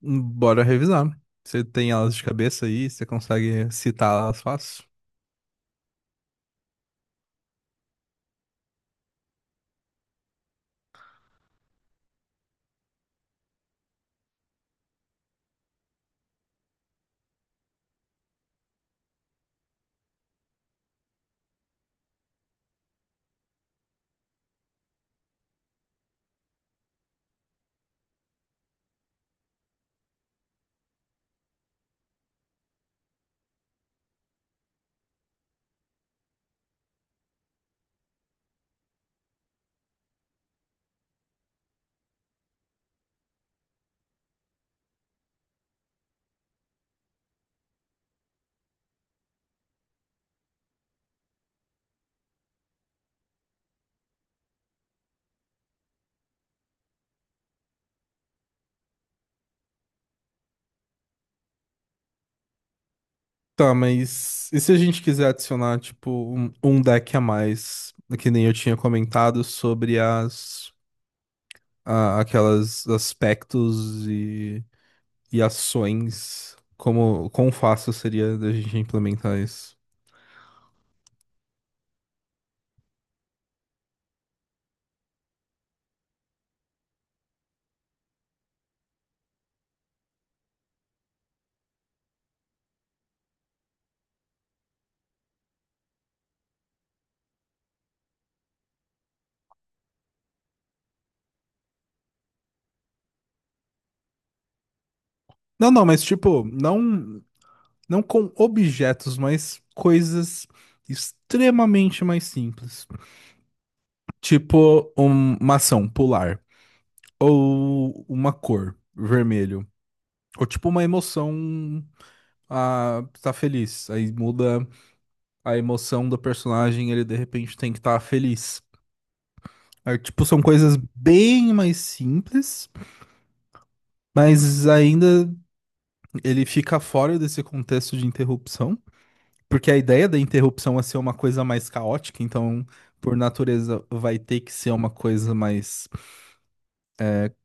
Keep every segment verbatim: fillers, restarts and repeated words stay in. Bora revisar. Você tem elas de cabeça aí, você consegue citar elas fácil? Tá, mas e se a gente quiser adicionar, tipo, um, um deck a mais, que nem eu tinha comentado, sobre as, a- aquelas aspectos e, e ações, como, quão fácil seria da gente implementar isso? Não, não, mas tipo, não, não com objetos, mas coisas extremamente mais simples. Tipo, um- uma ação, pular. Ou uma cor, vermelho. Ou tipo uma emoção, ah, tá feliz. Aí muda a emoção do personagem, ele de repente tem que estar feliz. Aí, tipo, são coisas bem mais simples, mas ainda ele fica fora desse contexto de interrupção, porque a ideia da interrupção é ser uma coisa mais caótica, então, por natureza, vai ter que ser uma coisa mais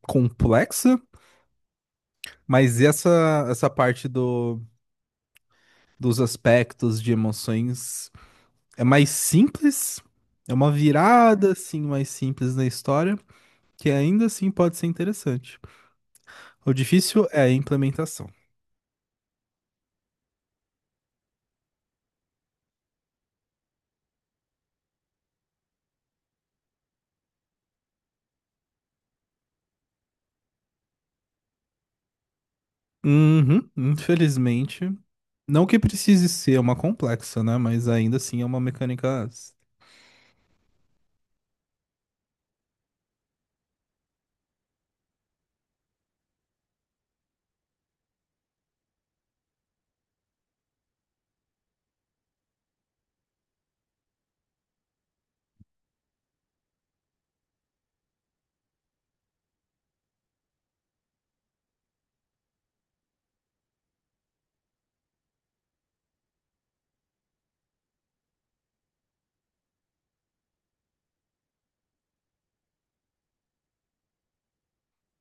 complexa, mas essa, essa parte do dos aspectos de emoções é mais simples, é uma virada assim mais simples na história, que ainda assim pode ser interessante. O difícil é a implementação. Uhum, infelizmente, não que precise ser uma complexa, né? Mas ainda assim é uma mecânica.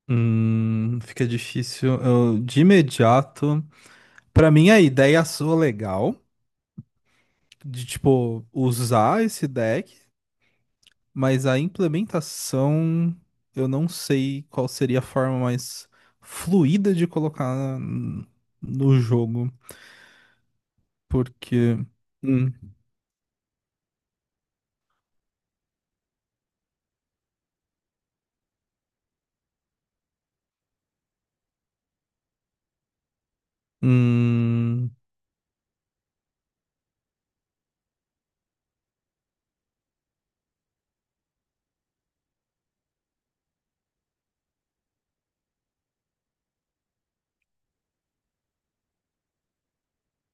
Hum, fica difícil. Eu, de imediato, pra mim a ideia soa legal de tipo usar esse deck. Mas a implementação, eu não sei qual seria a forma mais fluida de colocar n- no jogo, porque hum, hum, é,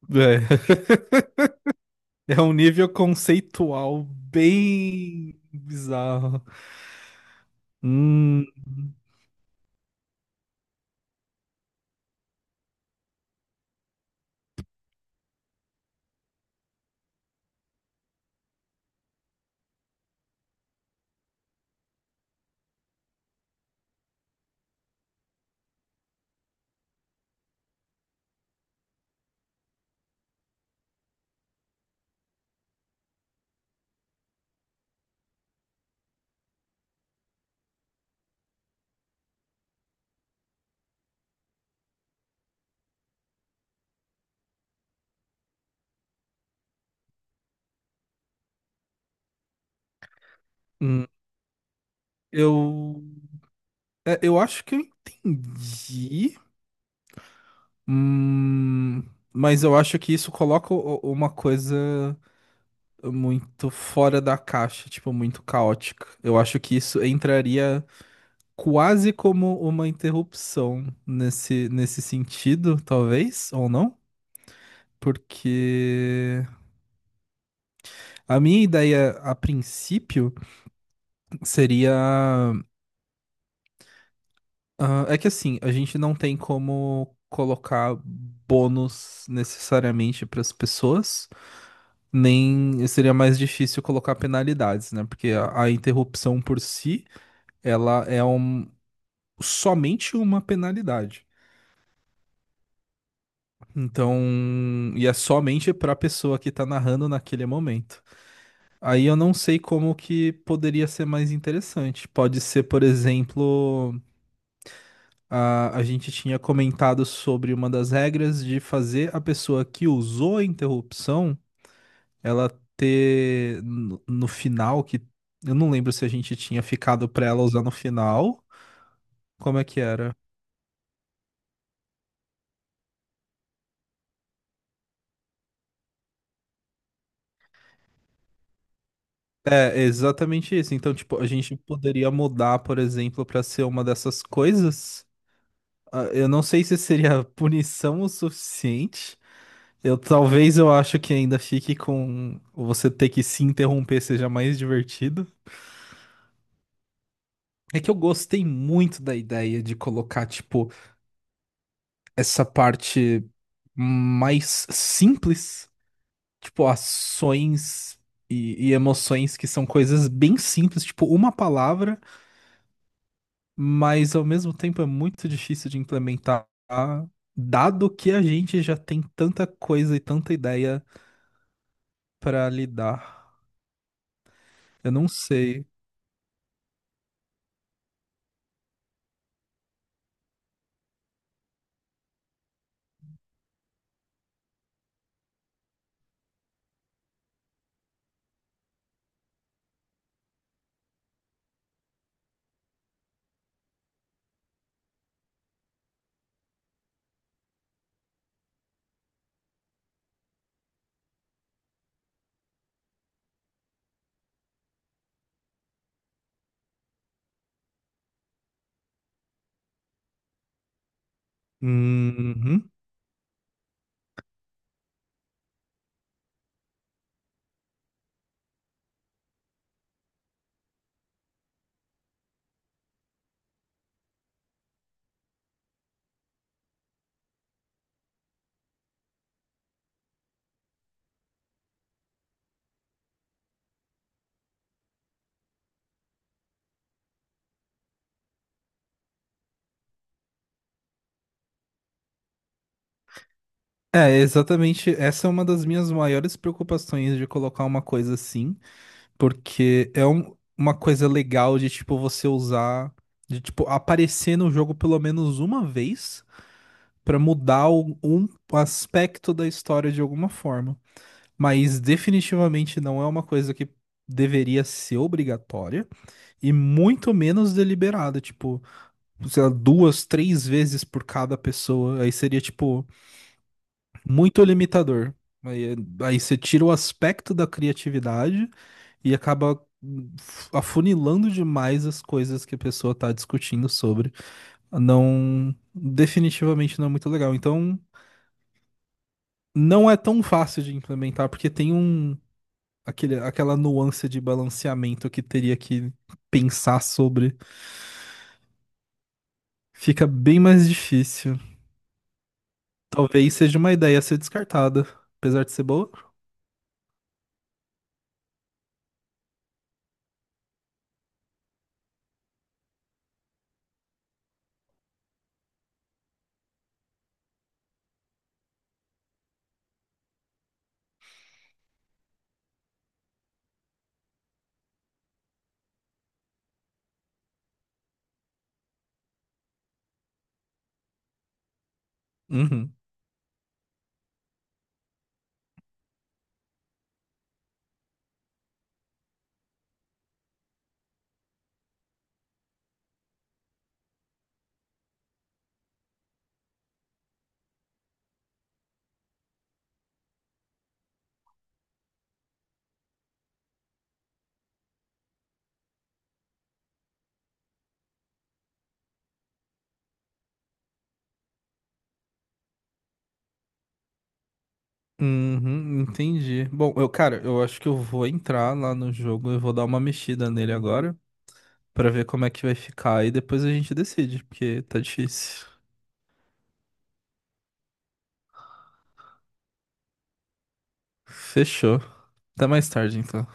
é um nível conceitual bem bizarro. Hum, hum, eu, é, eu acho que eu entendi, hum, mas eu acho que isso coloca o- uma coisa muito fora da caixa, tipo, muito caótica. Eu acho que isso entraria quase como uma interrupção nesse, nesse sentido, talvez, ou não? Porque a minha ideia a princípio seria. Ah, é que assim, a gente não tem como colocar bônus necessariamente para as pessoas, nem seria mais difícil colocar penalidades, né? Porque a a interrupção por si ela é um, somente uma penalidade. Então, e é somente para a pessoa que tá narrando naquele momento. Aí eu não sei como que poderia ser mais interessante. Pode ser, por exemplo, a, a gente tinha comentado sobre uma das regras de fazer a pessoa que usou a interrupção, ela ter no, no final, que eu não lembro se a gente tinha ficado para ela usar no final. Como é que era? É, exatamente isso. Então, tipo, a gente poderia mudar, por exemplo, para ser uma dessas coisas. Ah, eu não sei se seria punição o suficiente. Eu, talvez eu acho que ainda fique com você ter que se interromper seja mais divertido. É que eu gostei muito da ideia de colocar, tipo, essa parte mais simples, tipo, ações e, e emoções que são coisas bem simples, tipo, uma palavra. Mas ao mesmo tempo é muito difícil de implementar, dado que a gente já tem tanta coisa e tanta ideia pra lidar. Eu não sei. Uhum. É, exatamente. Essa é uma das minhas maiores preocupações de colocar uma coisa assim, porque é um- uma coisa legal de tipo você usar, de tipo aparecer no jogo pelo menos uma vez pra mudar o- um aspecto da história de alguma forma. Mas definitivamente não é uma coisa que deveria ser obrigatória e muito menos deliberada, tipo, sei lá, duas, três vezes por cada pessoa, aí seria, tipo, muito limitador. Aí, aí você tira o aspecto da criatividade e acaba hum, afunilando demais as coisas que a pessoa tá discutindo sobre. Não, definitivamente não é muito legal. Então, não é tão fácil de implementar, porque tem um aquele, aquela nuance de balanceamento que teria que pensar sobre. Fica bem mais difícil. Talvez seja uma ideia a ser descartada, apesar de ser boa. Uhum. Uhum, entendi. Bom, eu, cara, eu acho que eu vou entrar lá no jogo, eu vou dar uma mexida nele agora pra ver como é que vai ficar e depois a gente decide, porque tá difícil. Fechou. Até mais tarde, então.